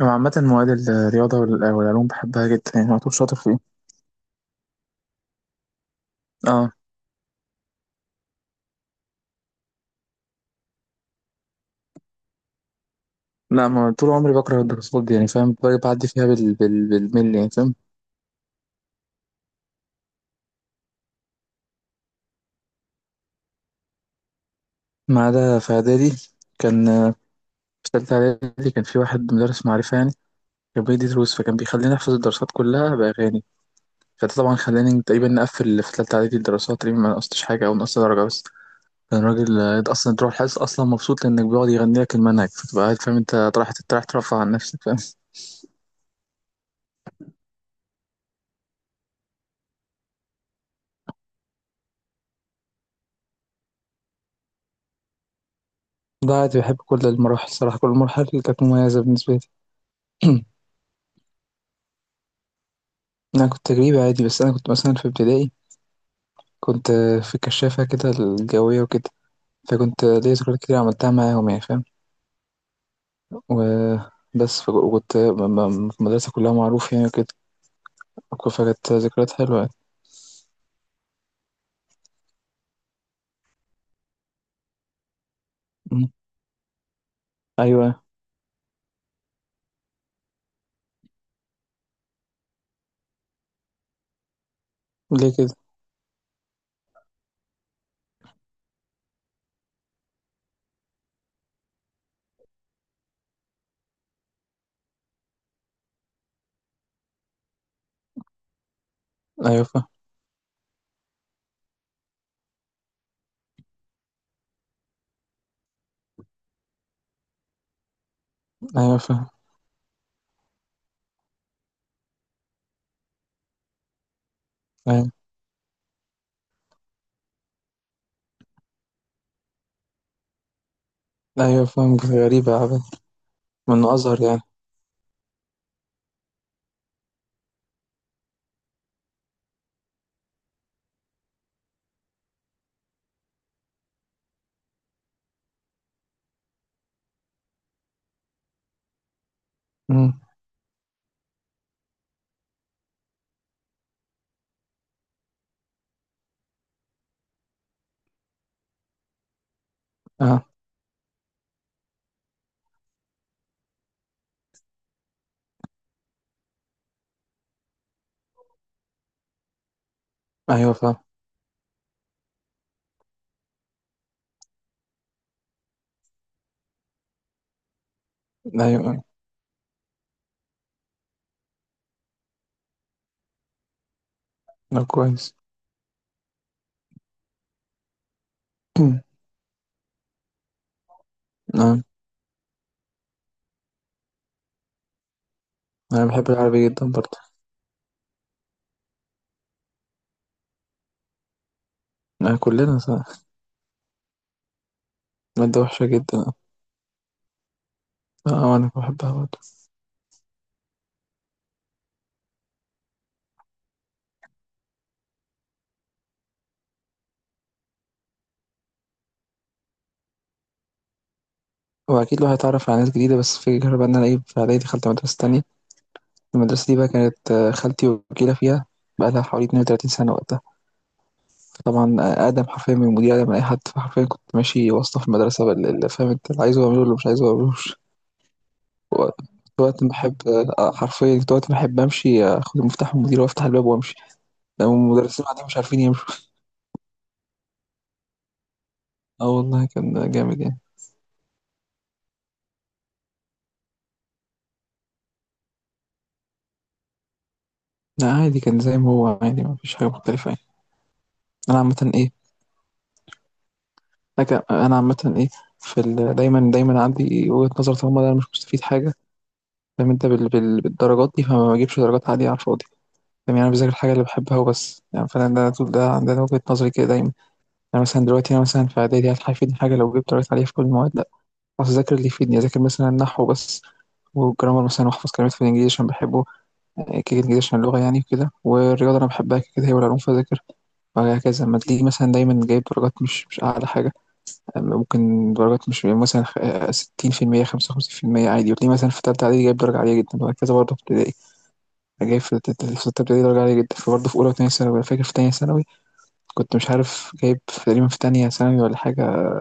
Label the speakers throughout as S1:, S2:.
S1: أنا عامة مواد الرياضة والعلوم بحبها جدا، يعني على طول شاطر فيها. اه. لا، ما طول عمري بكره الدراسات دي، يعني فاهم، بعدي فيها بالملي، يعني فاهم. ما عدا في إعدادي، كان في تالتة إعدادي كان في واحد مدرس معرفة يعني، كان بيدي دروس، فكان بيخليني أحفظ الدراسات كلها بأغاني. فده طبعا خلاني تقريبا نقفل في تالتة إعدادي، الدراسات تقريبا ما نقصتش حاجة أو نقصت درجة بس. كان راجل أصلا تروح الحصة أصلا مبسوط، لأنك بيقعد يغني لك المنهج، فتبقى قاعد فاهم، أنت رايح، رايح ترفع عن نفسك، فاهم. لا عادي، بحب كل المراحل الصراحة، كل المراحل اللي كانت مميزة بالنسبة لي. أنا كنت تجريبي عادي، بس أنا كنت مثلا في ابتدائي كنت في الكشافة كده، الجوية وكده. فكنت ليا ذكريات كتير عملتها معاهم، يعني فاهم. وبس وكنت في المدرسة كلها معروف، يعني وكده. فكانت ذكريات حلوة يعني. مم. أيوة. ليه كده؟ أيوة فاهم. أيوة فاهم. أيوة. أيوة فاهم. غريبة عبد. من أزهر يعني. مم. أه. أيوة فاهم. أيوة. كويس. أه. أنا بحب العربي جدا برضه. كلنا صح. مادة وحشة جدا، اه. انا بحبها برضه. هو اكيد الواحد اتعرف على ناس جديدة، بس الفكرة بقى ان انا ايه، في اعدادي دخلت مدرسة تانية. المدرسة دي بقى كانت خالتي وكيلة فيها، بقى لها حوالي 32 سنة وقتها. طبعا اقدم حرفيا من المدير، اقدم من اي حد، فحرفيا كنت ماشي واسطة في المدرسة اللي فاهم انت، اللي عايزه اعمله اللي مش عايزه اعملوش. وقت ما احب حرفيا كنت وقت ما احب امشي اخد المفتاح من المدير وافتح الباب وامشي، لو المدرسين قاعدين مش عارفين يمشوا. اه والله كان جامد يعني. لا عادي، كان زي ما هو عادي، ما فيش حاجة مختلفة يعني. أنا عامةً حاجة، أنا عامةً في ال دايمًا دايمًا عندي وجهة نظر، طالما أنا مش مستفيد حاجة، فاهم أنت، بالدرجات دي، فما باجيبش درجات عالية على الفاضي، فاهم. يعني أنا باذاكر الحاجة اللي باحبها وبس، يعني فأنا ده طول ده وجهة نظري كده دايمًا. يعني مثلًا دلوقتي أنا مثلًا في إعدادي، هل هيفيدني حاجة لو جبت درجات عالية في كل المواد؟ لأ. خلاص أذاكر اللي يفيدني، أذاكر مثلًا النحو بس والجرامر مثلًا، وأحفظ كلمات في الإنجليزي عشان باحبه، كده الإنجليزي عشان اللغة يعني وكده. والرياضة أنا باحبها كده كده، هي والعلوم فأذاكرها. وهكذا، أمّا تلاقيني مثلًا دايمًا جايب درجات مش أعلى حاجة. ممكن درجات مش مثلا 60%، 55%، عادي. وتلاقيه مثلا في تالتة إعدادي جايب درجة عالية جدا، وهكذا. برضه في ابتدائي جايب في في ستة ابتدائي درجة عالية جدا، فبرضه في أولى وتانية ثانوي. أنا فاكر في تانية ثانوي كنت مش عارف جايب تقريبا، في تانية ثانوي ولا حاجة،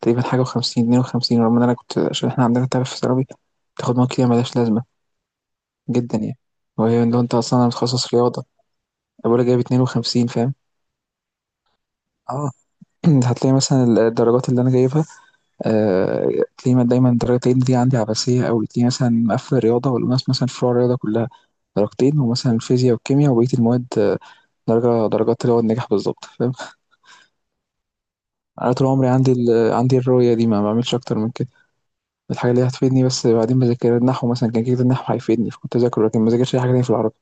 S1: تقريبا حاجة وخمسين، 52، رغم إن أنا كنت، عشان إحنا عندنا تعرف في ثانوي تاخد مواد كتير ملهاش لازمة جدا يعني، وهي لو أنت أصلا متخصص رياضة. أبويا جايب 52، فاهم. اه. هتلاقي مثلا الدرجات اللي أنا جايبها آه، تلاقيه دايما الدرجتين دي عندي عباسية أوي، تلاقيه مثلا مقفل الرياضة والأوناس، مثلا في فروع الرياضة كلها درجتين، ومثلا الفيزياء والكيمياء وبقية المواد درجة، درجات اللي هو النجاح بالظبط، فاهم. أنا طول عمري عندي الرؤية دي، ما بعملش أكتر من كده، الحاجة اللي هتفيدني بس. بعدين بذاكر النحو مثلا، كان كده النحو هيفيدني فكنت أذاكره، لكن ما ذاكرش أي حاجة تانية في العربي.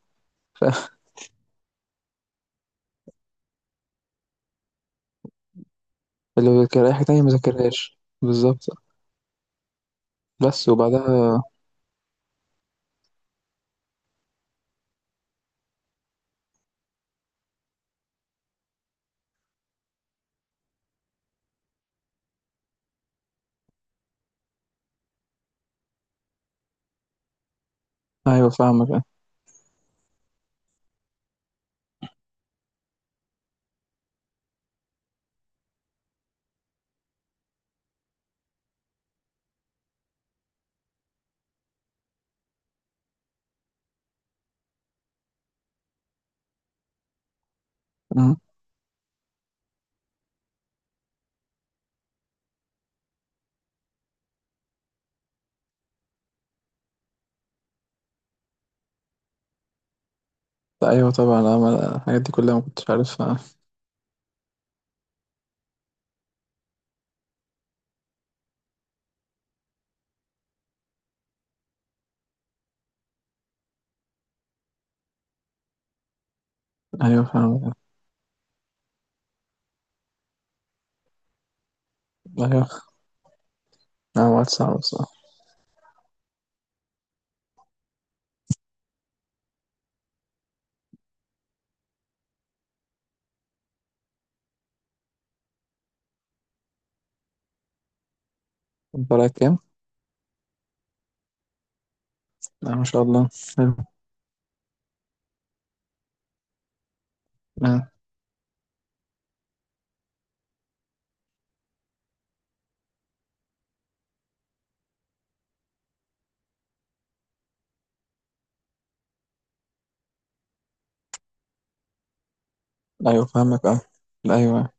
S1: فاللي بذاكر أي حاجة تانية ما ذاكرهاش بالظبط. بس وبعدها. أيوة فاهمك. أمم. أيوه طبعا، أنا الحاجات دي كلها ما كنتش عارفها. أيوه فاهمك. أيوه. اه، وقت صعب الصراحة. طلعت كام؟ اه ما شاء الله. حلو. اه. ايوه فاهمك اه. ايوه.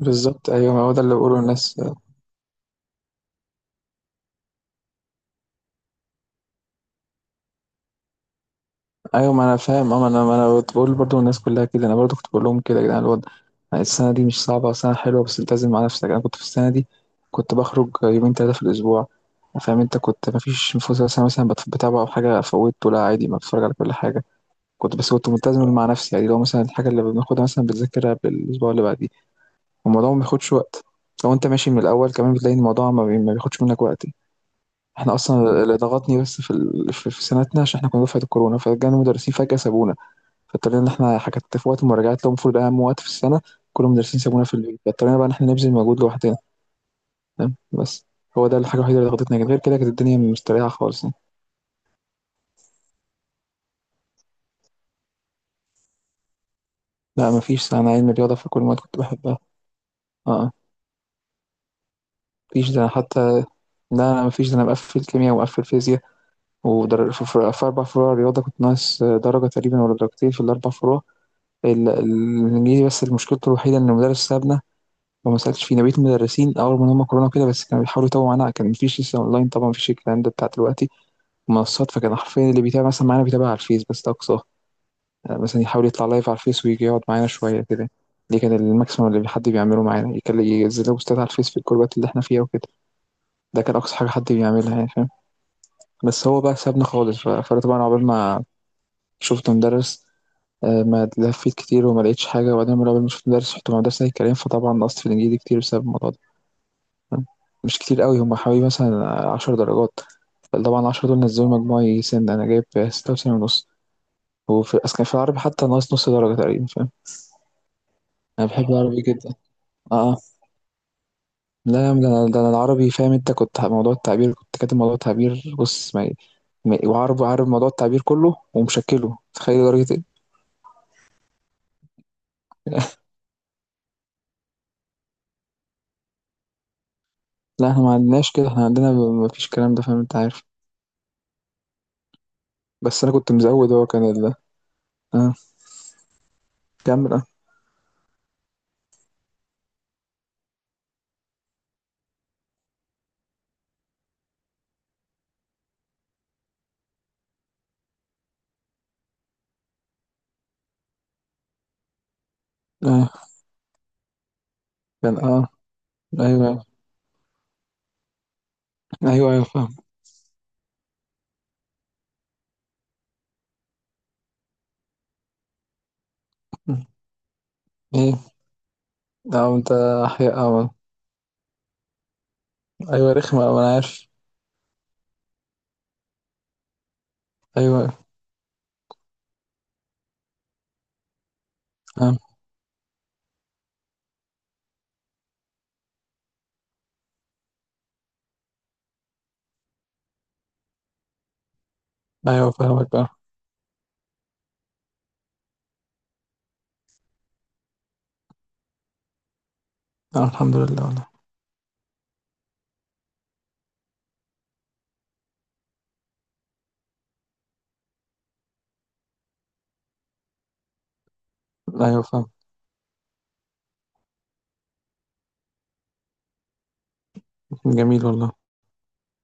S1: بالظبط ايوه، هو ده اللي بقوله الناس. ايوه ما انا فاهم اه، ما انا كنت بقول برضو الناس كلها كده. انا برضو كنت بقول لهم كده، يا جدعان، الوضع يعني السنه دي مش صعبه، سنه حلوه بس التزم مع نفسك. انا كنت في السنه دي كنت بخرج يومين ثلاثه في الاسبوع، فاهم انت، كنت ما فيش فوز مثلا بتابع او حاجه فوتته، لا عادي، ما بتفرج على كل حاجه. كنت بس كنت ملتزم مع نفسي يعني، لو مثلا الحاجه اللي بناخدها مثلا بتذاكرها بالاسبوع اللي بعديه، والموضوع ما بياخدش وقت. لو انت ماشي من الاول كمان، بتلاقي إن الموضوع ما بياخدش منك وقت. احنا اصلا اللي ضغطني بس في ال... في في سنتنا، عشان احنا كنا دفعه الكورونا، فجانا مدرسين فجاه سابونا. فاضطرينا ان احنا حكت في وقت المراجعات، لو المفروض اهم وقت في السنه كل المدرسين سابونا في البيت، فاضطرينا بقى ان احنا نبذل مجهود لوحدنا. تمام، بس هو ده الحاجه الوحيده اللي ضغطتنا، لكن غير كده كانت الدنيا مستريحه خالص يعني. لا مفيش، انا علم رياضه، في كل المواد كنت بحبها. اه مفيش ده، أنا حتى لا، انا مفيش ده، انا مقفل كيمياء ومقفل فيزياء. في أربع فروع رياضة كنت ناقص درجة تقريبا ولا درجتين في الأربع فروع. الإنجليزي بس مشكلته الوحيدة إن المدرس سابنا، وما سألتش فيه. أنا بقيت المدرسين أول ما هم كورونا كده بس، كانوا بيحاولوا يتوهوا معانا، كان مفيش لسه أونلاين طبعا، مفيش الكلام ده بتاع دلوقتي، منصات. فكان حرفيا اللي بيتابع مثلا معانا، بيتابع على الفيس بس، ده أقصاه. يعني مثلا يحاول يطلع لايف على الفيس ويجي يقعد معانا شوية كده، دي كان الماكسيمم اللي حد بيعمله معانا، يكلم، ينزل بوستات على الفيس في الجروبات اللي احنا فيها وكده. ده كان أقصى حاجة حد بيعملها يعني، فاهم. بس هو بقى سابنا خالص، فأنا طبعا عقبال ما شفت مدرس ما لفيت كتير وما لقيتش حاجة. وبعدين لما شفت مدرس رحت مدرسة الكلام، فطبعا نقصت في الإنجليزي كتير بسبب الموضوع ده، فاهم؟ مش كتير قوي، هم حوالي مثلا 10 درجات. طبعا العشرة دول نزلوا مجموعي، سن أنا جايب 96.5. وفي أصل كان في العربي حتى ناقص نص درجة تقريبا، فاهم. أنا بحب العربي جدا. آه آه. لا يا عم، ده أنا العربي، فاهم أنت، كنت موضوع التعبير، كنت كاتب موضوع التعبير بص، وعارف، عارف موضوع التعبير كله، ومشكله تخيل درجة إيه. لا احنا ما عندناش كده، احنا عندنا مفيش الكلام ده، فاهم أنت عارف. بس انا كنت مزود، هو كان اه. كمل اه. اه كان اه. ايوه ايوه. ايوه فاهم. ايه اه انت. احياء اه. ايوه رخمة اه، انا عارف. ايوه اه. ايوه فاهمك اه. اه الحمد لله والله. ايوه فاهم. جميل والله.